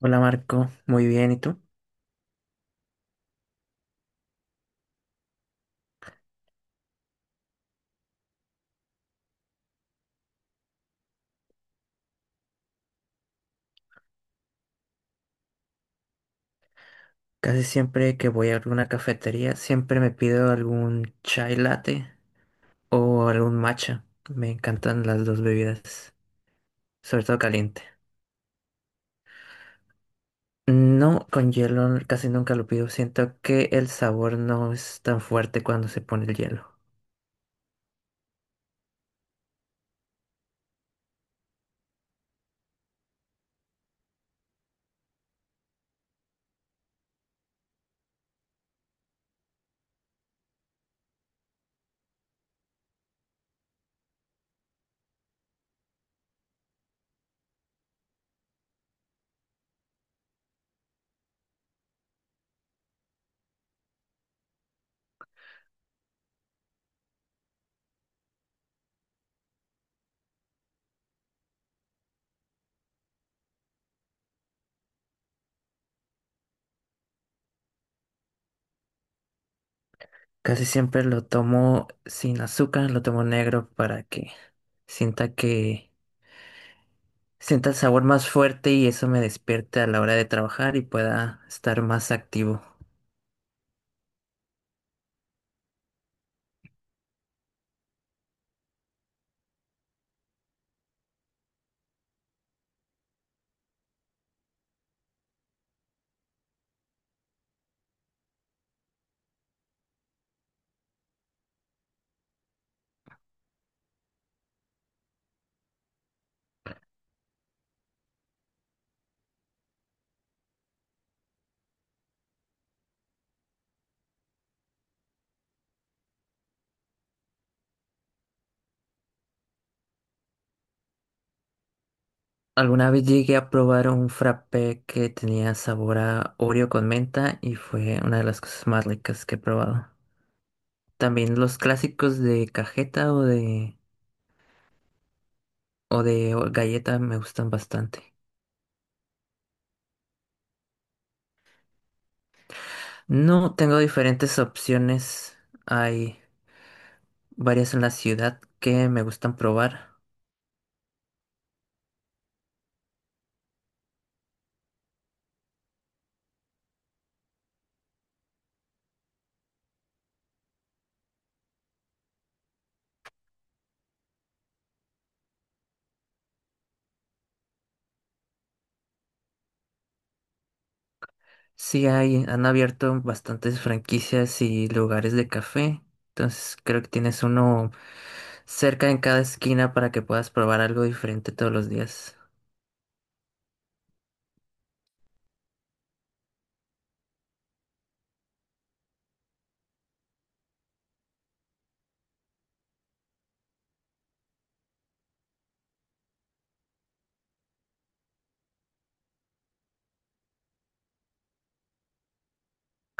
Hola Marco, muy bien, ¿y tú? Casi siempre que voy a alguna cafetería, siempre me pido algún chai latte o algún matcha. Me encantan las dos bebidas, sobre todo caliente. No, con hielo casi nunca lo pido. Siento que el sabor no es tan fuerte cuando se pone el hielo. Casi siempre lo tomo sin azúcar, lo tomo negro para que sienta que sienta el sabor más fuerte y eso me despierte a la hora de trabajar y pueda estar más activo. Alguna vez llegué a probar un frappé que tenía sabor a Oreo con menta y fue una de las cosas más ricas que he probado. También los clásicos de cajeta o de galleta me gustan bastante. No tengo diferentes opciones. Hay varias en la ciudad que me gustan probar. Sí hay, han abierto bastantes franquicias y lugares de café. Entonces creo que tienes uno cerca en cada esquina para que puedas probar algo diferente todos los días.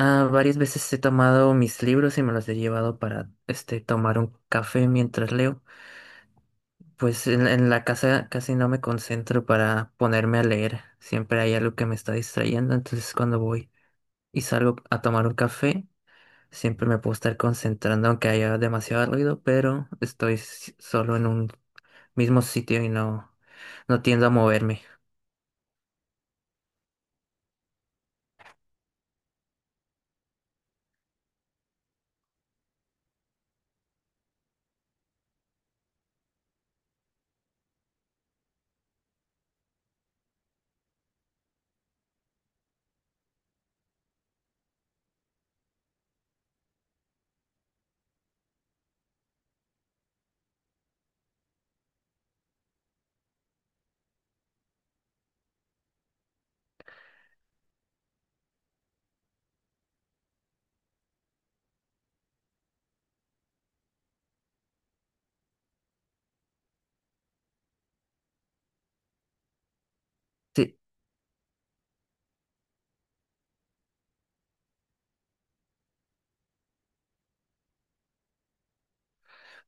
Ah, varias veces he tomado mis libros y me los he llevado para tomar un café mientras leo. Pues en la casa casi no me concentro para ponerme a leer. Siempre hay algo que me está distrayendo, entonces cuando voy y salgo a tomar un café, siempre me puedo estar concentrando aunque haya demasiado ruido, pero estoy solo en un mismo sitio y no tiendo a moverme. Sí,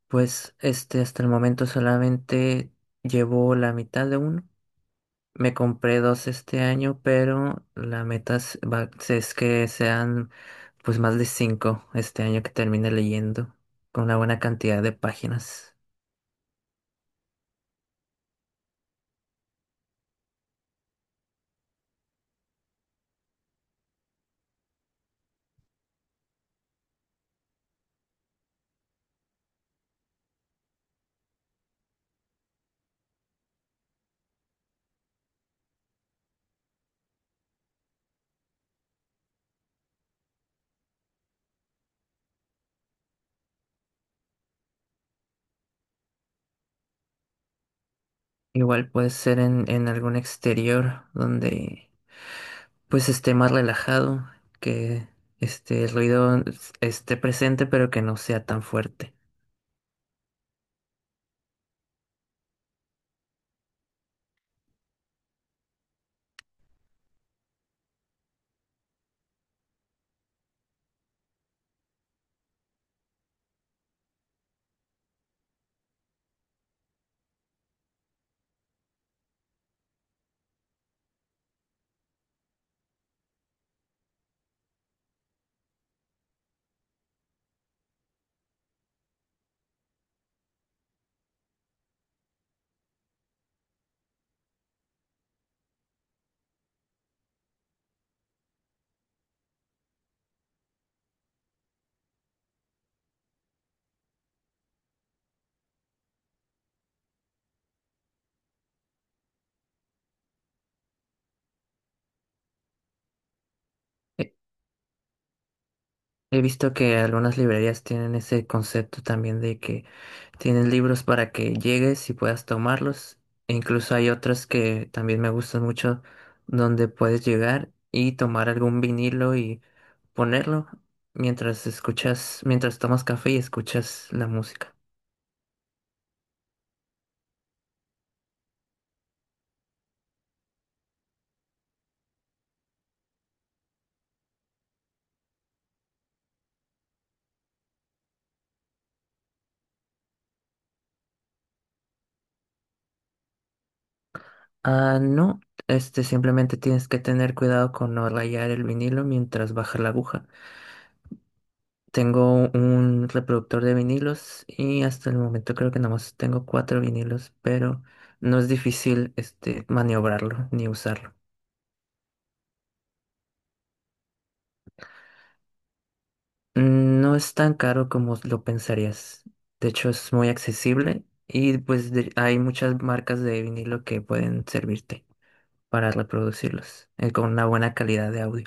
hasta el momento solamente llevo la mitad de uno. Me compré dos este año, pero la meta es que sean pues más de cinco este año que termine leyendo, con una buena cantidad de páginas. Igual puede ser en algún exterior donde pues esté más relajado, que el ruido esté presente pero que no sea tan fuerte. He he visto que algunas librerías tienen ese concepto también de que tienen libros para que llegues y puedas tomarlos. E incluso hay otras que también me gustan mucho donde puedes llegar y tomar algún vinilo y ponerlo mientras escuchas, mientras tomas café y escuchas la música. Ah, no, simplemente tienes que tener cuidado con no rayar el vinilo mientras baja la aguja. Tengo un reproductor de vinilos y hasta el momento creo que nada más tengo cuatro vinilos, pero no es difícil maniobrarlo ni usarlo. No es tan caro como lo pensarías. De hecho, es muy accesible y pues hay muchas marcas de vinilo que pueden servirte para reproducirlos con una buena calidad de audio.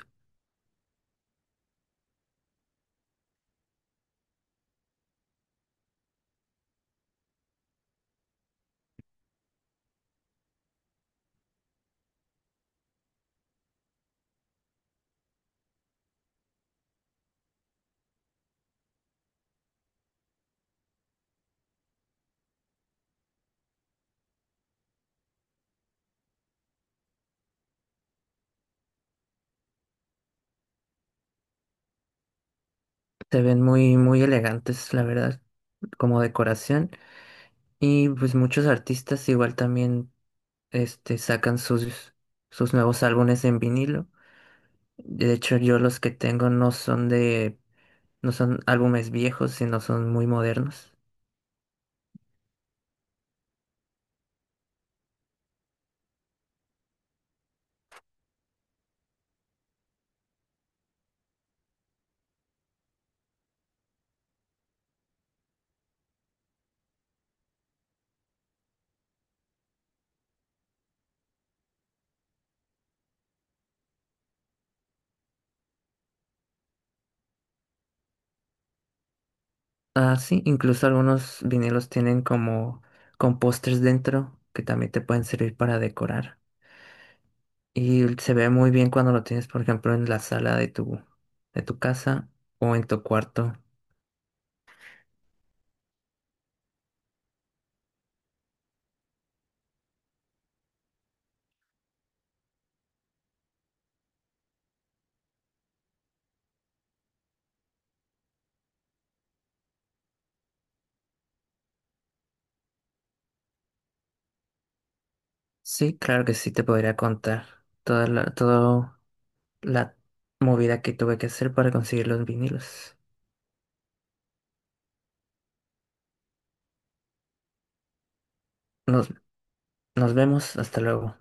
Se ven muy, muy elegantes, la verdad, como decoración. Y pues muchos artistas igual también sacan sus nuevos álbumes en vinilo. De hecho, yo los que tengo no son álbumes viejos, sino son muy modernos. Ah, sí, incluso algunos vinilos tienen como con pósters dentro que también te pueden servir para decorar. Y se ve muy bien cuando lo tienes, por ejemplo, en la sala de tu casa o en tu cuarto. Sí, claro que sí te podría contar toda la movida que tuve que hacer para conseguir los vinilos. Nos, nos vemos, hasta luego.